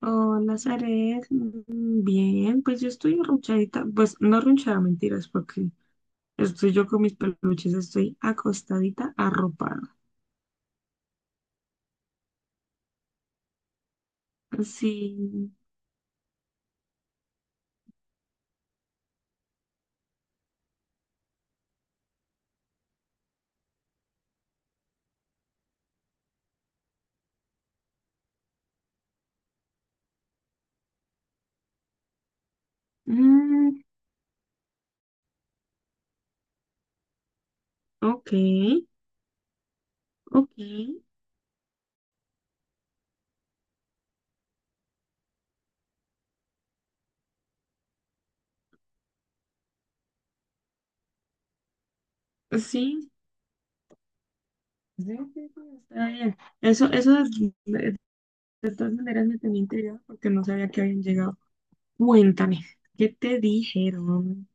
Hola, Zaret. Bien, pues yo estoy arrunchadita. Pues no arrunchada, mentiras, porque estoy yo con mis peluches, estoy acostadita, arropada. Sí. Mm, ok, ok. Sí, sí, sí, sí, está bien. Eso de todas maneras me tenía intrigada porque no sabía que habían llegado. Cuéntame, ¿qué te dijeron?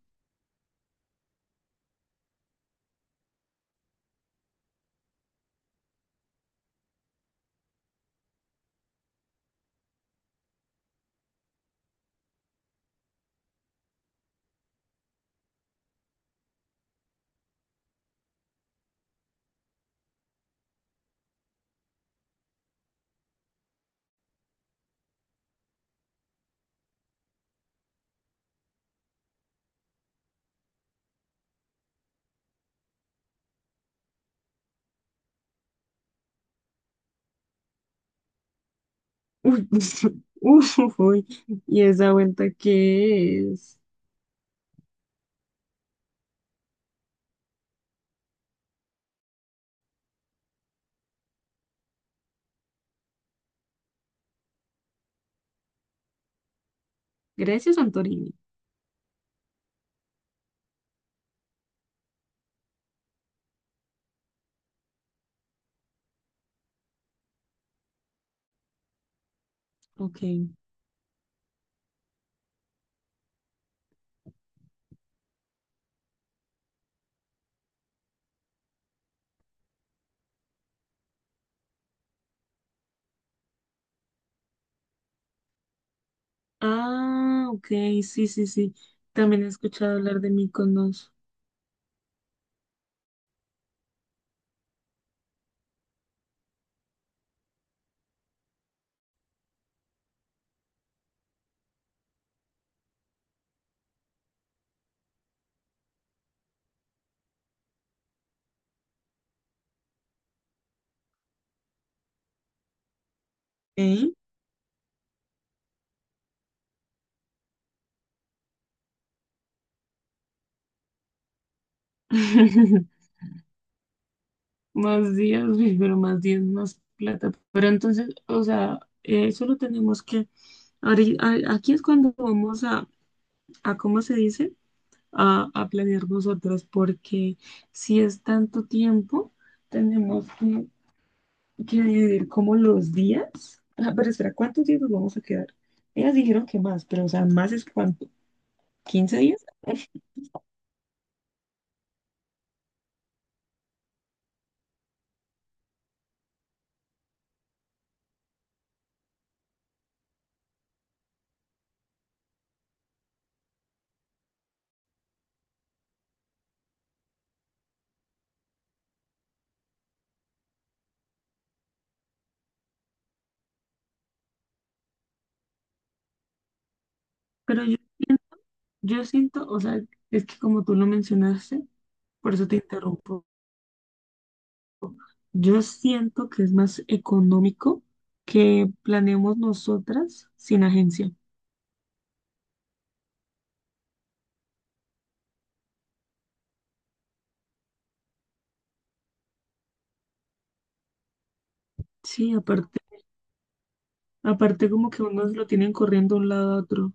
Uy, uy, uy. Uy. ¿Y esa vuelta qué es? Grecia o Santorini. Ok. Ah, ok, sí, sí, sí. También he escuchado hablar de Mykonos. Ok. Más días, uy, pero más días, más plata. Pero entonces, o sea, solo tenemos que... Aquí es cuando vamos a ¿cómo se dice? A planear nosotros, porque si es tanto tiempo, tenemos que dividir como los días. Ah, pero espera, ¿cuántos días nos vamos a quedar? Ellas dijeron que más, pero o sea, más es cuánto, ¿quince días? Pero yo siento, o sea, es que como tú lo mencionaste, por eso te interrumpo, yo siento que es más económico que planeemos nosotras sin agencia. Sí, aparte, aparte como que unos lo tienen corriendo de un lado a otro.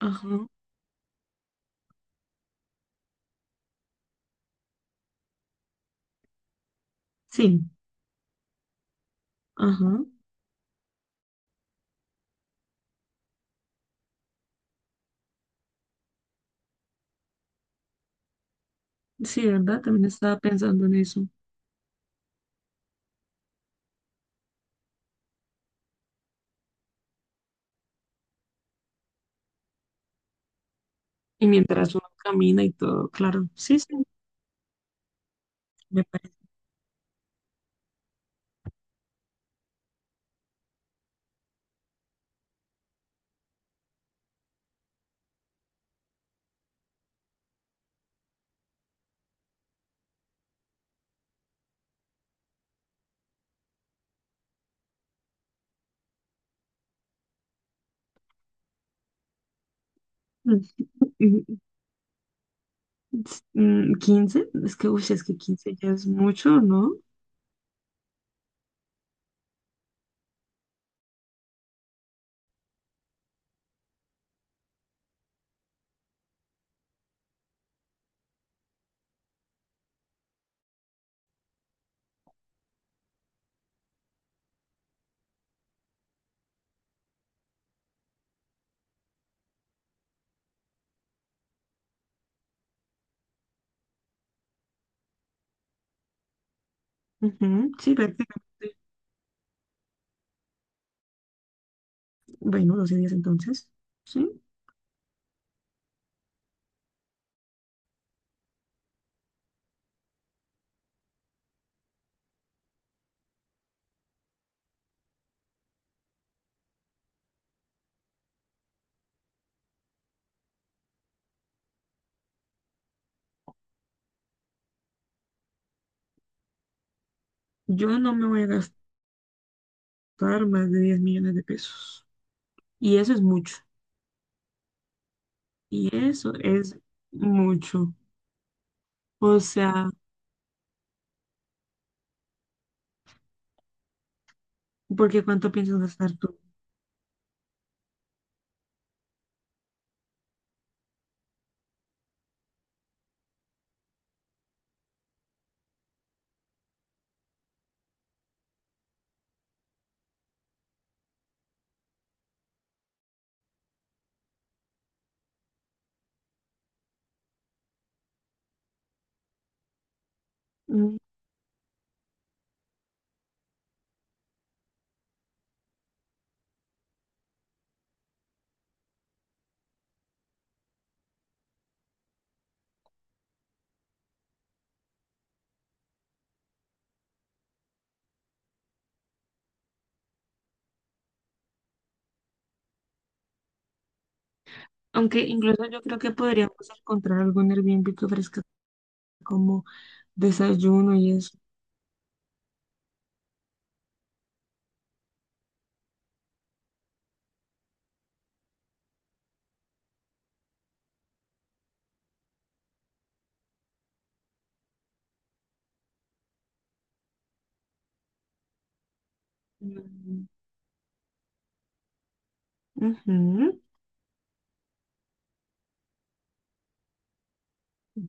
Ajá, sí, ajá, sí, ¿verdad? También estaba pensando en eso. Y mientras uno camina y todo, claro, sí, sí, me parece. Mm, 15, es que, uy, es que 15 ya es mucho, ¿no? Ujú, sí, prácticamente. Bueno, 12 días entonces, ¿sí? Yo no me voy a gastar más de 10 millones de pesos. Y eso es mucho. Y eso es mucho. O sea, porque ¿cuánto piensas gastar tú? Mm. Aunque incluso yo creo que podríamos encontrar algún Airbnb que ofrezca como desayuno y eso. Mm, ujú.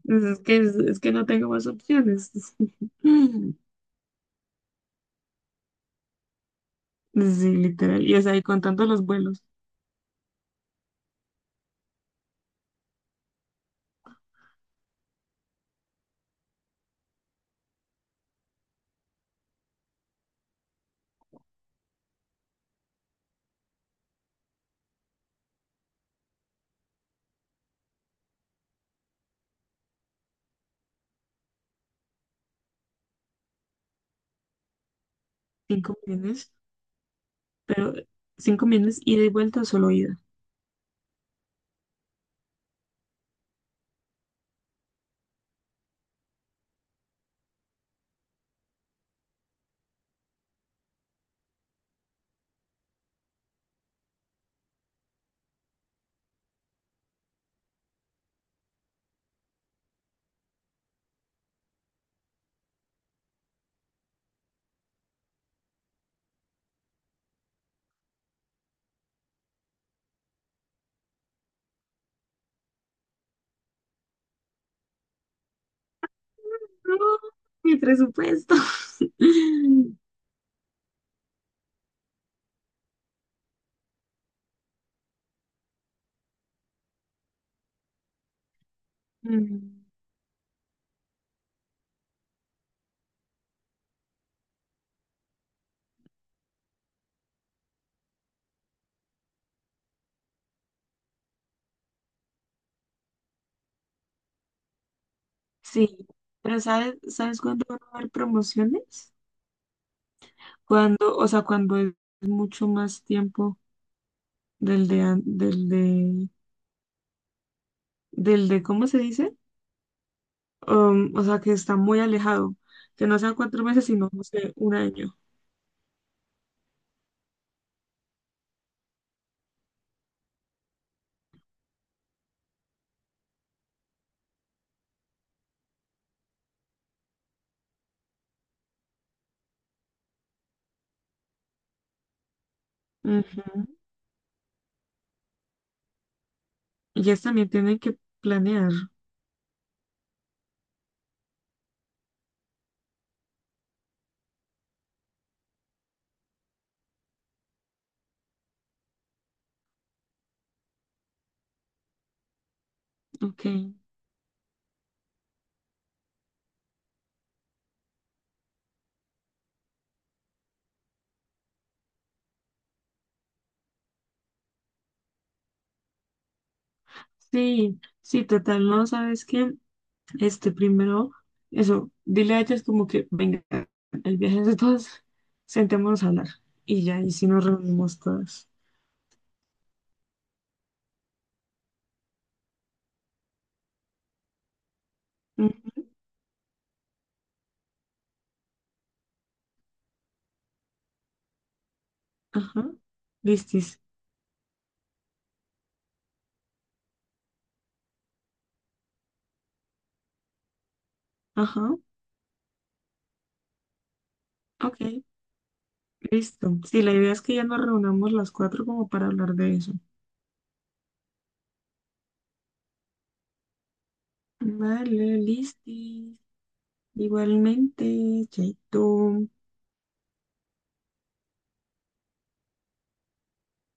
Pues es que no tengo más opciones. Sí, literal. Y es ahí contando los vuelos, 5 millones. Pero cinco millones ida y vuelta o solo ida. No, mi presupuesto. Mm, sí, pero ¿sabes cuándo van a haber promociones? Cuando, o sea, cuando es mucho más tiempo del de, an- del de, ¿cómo se dice? O sea, que está muy alejado, que no sean cuatro meses, sino, no sé, un año. Ujú. Y ellas también tienen que planear. Ok. Sí, sí, total, no, ¿sabes qué? Este primero, eso, dile a ellas como que, venga, el viaje es de todas, sentémonos a hablar. Y ya, y si nos reunimos todas. Mm, ajá, listis. Ajá, ok, listo. Sí, la idea es que ya nos reunamos las cuatro como para hablar de eso. Vale, listis. Igualmente, chaito.